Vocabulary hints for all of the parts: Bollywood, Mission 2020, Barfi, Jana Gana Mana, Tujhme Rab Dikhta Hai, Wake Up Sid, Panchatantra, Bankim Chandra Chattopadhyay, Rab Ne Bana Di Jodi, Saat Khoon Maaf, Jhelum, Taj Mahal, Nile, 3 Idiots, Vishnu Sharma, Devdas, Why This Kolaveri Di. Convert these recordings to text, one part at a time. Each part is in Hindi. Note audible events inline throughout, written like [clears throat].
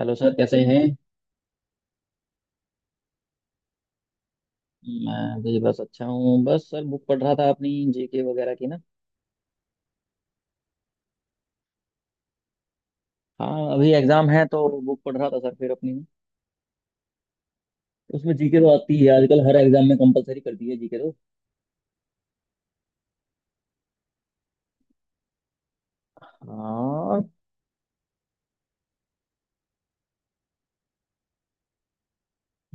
हेलो सर, कैसे हैं। मैं भी बस अच्छा हूँ। बस सर बुक पढ़ रहा था अपनी, जीके वगैरह की ना। हाँ, अभी एग्जाम है तो बुक पढ़ रहा था सर, फिर अपनी उसमें जीके तो आती है। आजकल हर एग्जाम में कंपलसरी कर दी है जीके तो। और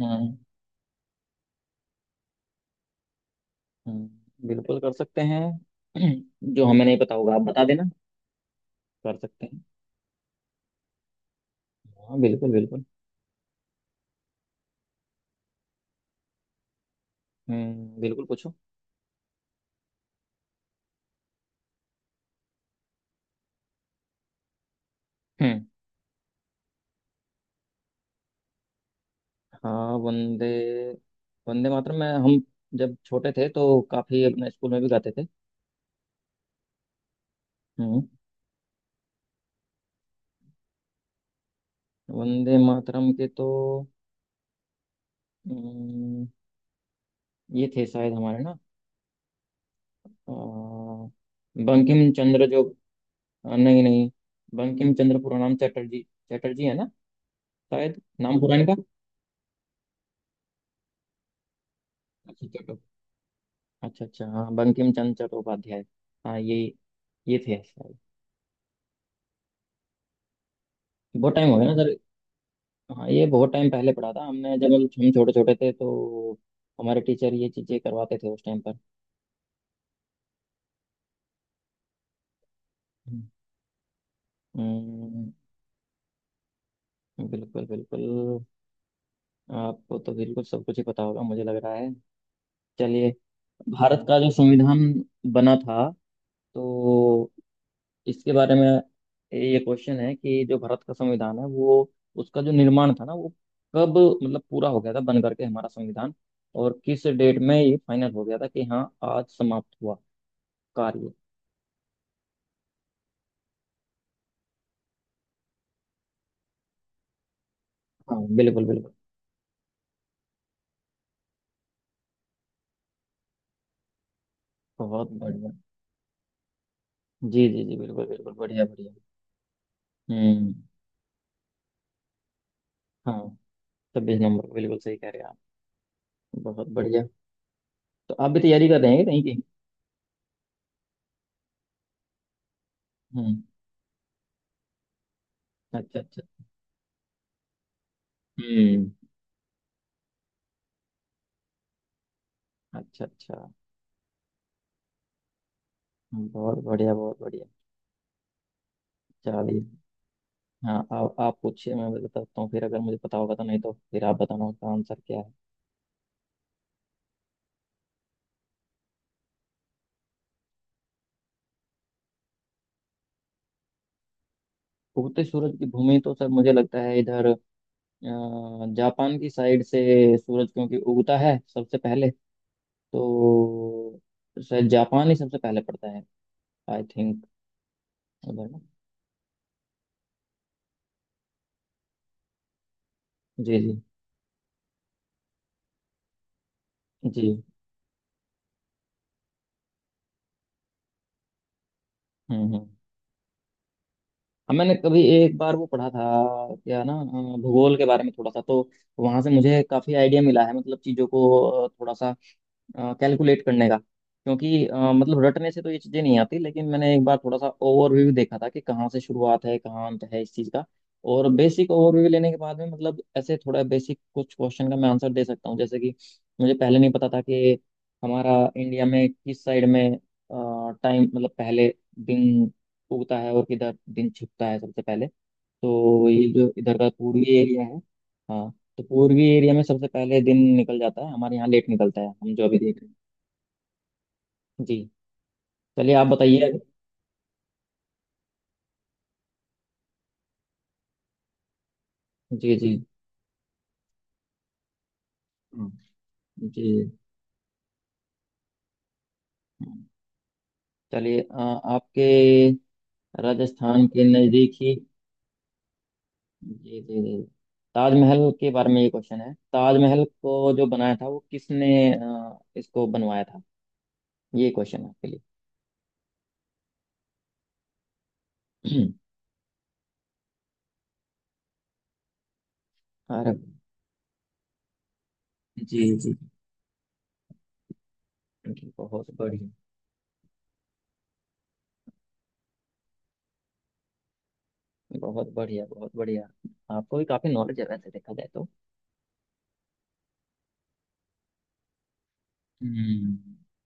हाँ हाँ, बिल्कुल कर सकते हैं। [clears throat] जो हमें नहीं पता होगा आप बता देना। कर सकते हैं। हाँ, बिल्कुल बिल्कुल। बिल्कुल पूछो। हम्म। हाँ वंदे, वंदे मातरम में हम जब छोटे थे तो काफी अपने स्कूल में भी गाते थे। हम्म वंदे मातरम के तो अम्म, ये थे शायद हमारे ना, अ, बंकिम चंद्र जो। नहीं नहीं, बंकिम चंद्र, पूरा नाम चटर्जी। चटर्जी है ना, शायद नाम पूरा इनका। अच्छा चटो। अच्छा अच्छा, हाँ बंकिम चंद्र चट्टोपाध्याय। हाँ, ये थे शायद। बहुत टाइम हो गया ना सर। हाँ, ये बहुत टाइम पहले पढ़ा था हमने, जब हम छोटे छोटे थे तो हमारे टीचर ये चीजें करवाते थे उस टाइम पर। अम्म, बिल्कुल बिल्कुल। आपको तो बिल्कुल सब कुछ ही पता होगा, मुझे लग रहा है। चलिए, भारत का जो संविधान बना था, तो इसके बारे में ये क्वेश्चन है कि जो भारत का संविधान है, वो उसका जो निर्माण था ना, वो कब मतलब पूरा हो गया था बन करके, हमारा संविधान? और किस डेट में ये फाइनल हो गया था कि हाँ, आज समाप्त हुआ कार्य। हाँ बिल्कुल बिल्कुल। बहुत बढ़िया। जी जी जी, बिल्कुल बिल्कुल, बढ़िया बढ़िया। हम्म। हाँ, 26 नंबर, बिल्कुल सही कह रहे हैं आप। बहुत बढ़िया। तो आप भी तैयारी कर रहे हैं कहीं की? हम्म। अच्छा अच्छा। हम्म। अच्छा अच्छा। बहुत बढ़िया बहुत बढ़िया। चलिए, हाँ आप पूछिए, मैं बताता हूँ। फिर अगर मुझे पता होगा तो, नहीं तो फिर आप बताना उसका आंसर क्या है। उगते सूरज की भूमि तो सर मुझे लगता है इधर, जापान की साइड से सूरज क्योंकि उगता है सबसे पहले, तो शायद जापान ही सबसे पहले पड़ता है, आई थिंक। उधर ना। जी जी जी। हम्म। अब मैंने कभी एक बार वो पढ़ा था क्या ना, भूगोल के बारे में थोड़ा सा, तो वहां से मुझे काफी आइडिया मिला है मतलब चीजों को, थोड़ा सा कैलकुलेट करने का। क्योंकि मतलब रटने से तो ये चीज़ें नहीं आती, लेकिन मैंने एक बार थोड़ा सा ओवरव्यू देखा था कि कहाँ से शुरुआत है, कहाँ अंत है इस चीज़ का। और बेसिक ओवरव्यू लेने के बाद में, मतलब ऐसे थोड़ा बेसिक कुछ क्वेश्चन का मैं आंसर दे सकता हूँ। जैसे कि मुझे पहले नहीं पता था कि हमारा इंडिया में किस साइड में टाइम मतलब पहले दिन उगता है और किधर दिन छिपता है सबसे पहले। तो ये जो इधर का पूर्वी एरिया है, हाँ, तो पूर्वी एरिया में सबसे पहले दिन निकल जाता है। हमारे यहाँ लेट निकलता है हम जो अभी देख रहे हैं। जी। चलिए आप बताइए अभी। जी जी। हम्म, जी। हम्म। चलिए, आपके राजस्थान के नज़दीक ही। जी जी जी। ताजमहल के बारे में ये क्वेश्चन है, ताजमहल को जो बनाया था वो किसने इसको बनवाया था? ये क्वेश्चन है आपके लिए। [clears throat] अरे। जी जी जी, बहुत बढ़िया। बहुत बढ़िया बहुत बढ़िया। आपको भी काफ़ी नॉलेज है वैसे देखा जाए तो। हम्म।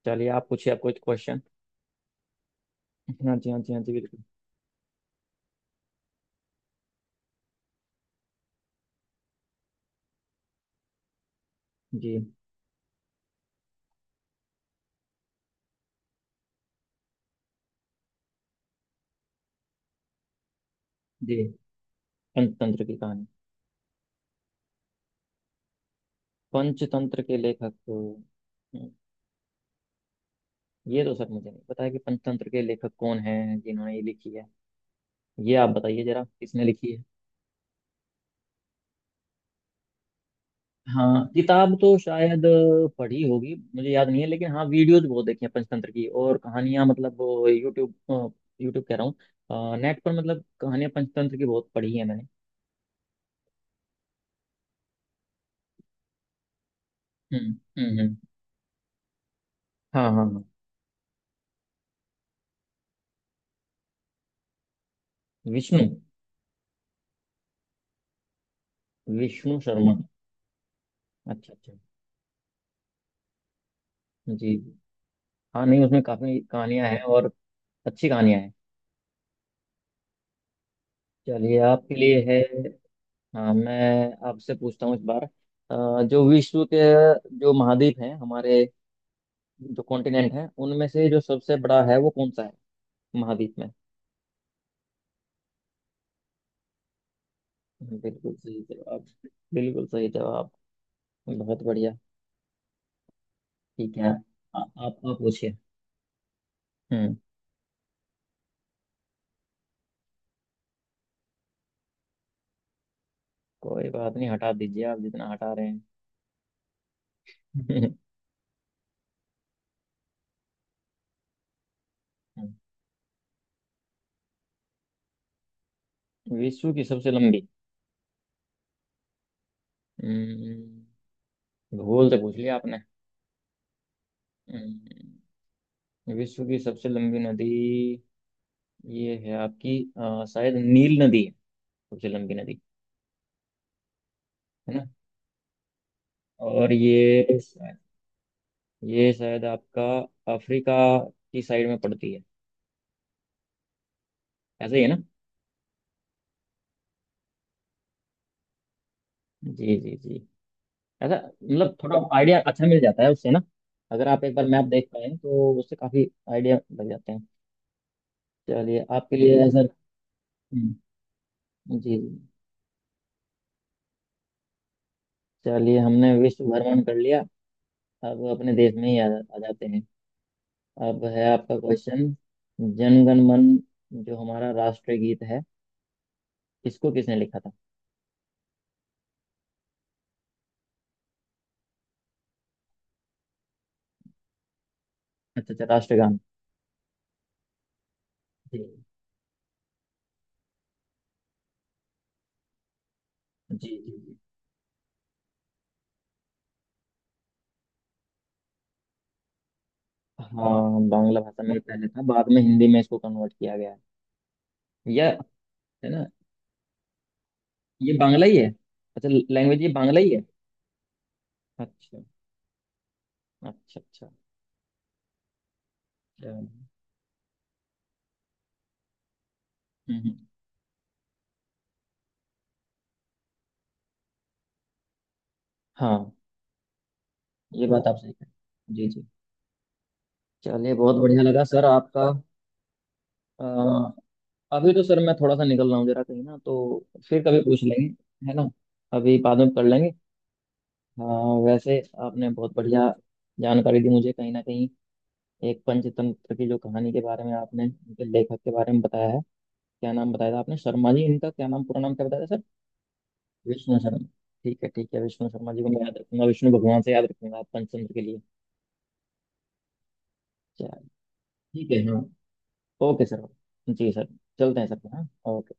चलिए आप पूछिए आप कुछ क्वेश्चन। हाँ जी हाँ जी हाँ जी, बिल्कुल। जी जी। पंचतंत्र की कहानी। पंचतंत्र के लेखक, ये तो सर मुझे नहीं पता है कि पंचतंत्र के लेखक कौन हैं जिन्होंने ये लिखी है। ये आप बताइए जरा, किसने लिखी है। हाँ, किताब तो शायद पढ़ी होगी, मुझे याद नहीं है। लेकिन हाँ वीडियोज बहुत देखी हैं पंचतंत्र की, और कहानियां मतलब वो यूट्यूब, यूट्यूब कह रहा हूँ नेट पर, मतलब कहानियां पंचतंत्र की बहुत पढ़ी है मैंने। हम्म। हम्म। हाँ हाँ हाँ। विष्णु। विष्णु शर्मा। अच्छा अच्छा। जी जी। हाँ नहीं, उसमें काफी कहानियां हैं, और अच्छी कहानियां हैं। चलिए आपके लिए है। हाँ मैं आपसे पूछता हूँ इस बार। जो विश्व के जो महाद्वीप हैं हमारे, जो कॉन्टिनेंट हैं, उनमें से जो सबसे बड़ा है वो कौन सा है महाद्वीप में? बिल्कुल सही जवाब। बिल्कुल सही जवाब। बहुत बढ़िया। ठीक है, आप आप पूछिए। हम्म। कोई बात नहीं, हटा दीजिए आप जितना हटा रहे हैं। [laughs] विश्व की सबसे लंबी। हम्म, भूल से पूछ लिया आपने। हम्म, विश्व की सबसे लंबी नदी ये है आपकी, शायद नील नदी है, झेलम की नदी। है ना? और ये शायद आपका अफ्रीका की साइड में पड़ती है, ऐसे ही है ना? जी जी जी। ऐसा मतलब थोड़ा आइडिया अच्छा मिल जाता है उससे ना। अगर आप एक बार मैप देख पाए तो उससे काफी आइडिया लग जाते हैं। चलिए आपके लिए सर। हम्म, जी जी। चलिए, हमने विश्व भ्रमण कर लिया, अब अपने देश में ही आ जाते हैं। अब है आपका क्वेश्चन, जनगण मन जो हमारा राष्ट्रीय गीत है, इसको किसने लिखा था? अच्छा अच्छा, राष्ट्रगान। जी जी जी जी। हाँ बांग्ला भाषा में ही पहले था, बाद में हिंदी में इसको कन्वर्ट किया गया है। या, है ना? ये बांग्ला ही है? अच्छा, लैंग्वेज ये बांग्ला ही है। अच्छा, अच्छा अच्छा। चलो। हम्म हम्म। हाँ ये बात आप सही कह। जी जी। चलिए, बहुत बढ़िया लगा सर आपका। अ, अभी तो सर मैं थोड़ा सा निकल रहा हूँ जरा कहीं ना, तो फिर कभी पूछ लेंगे। है ना? अभी बाद में कर लेंगे। हाँ वैसे, आपने बहुत बढ़िया जानकारी दी मुझे कहीं ना कहीं, एक पंचतंत्र की जो कहानी के बारे में आपने उनके लेखक के बारे में बताया है। क्या नाम बताया था आपने, शर्मा जी इनका क्या नाम, पूरा नाम क्या बताया था सर? विष्णु शर्मा। ठीक है ठीक है, विष्णु शर्मा जी को मैं याद रखूंगा, विष्णु भगवान से याद रखूंगा पंचतंत्र के लिए। चलिए, ठीक है, हाँ। Okay sir. जी सर। चलते हैं सर, हाँ। ओके।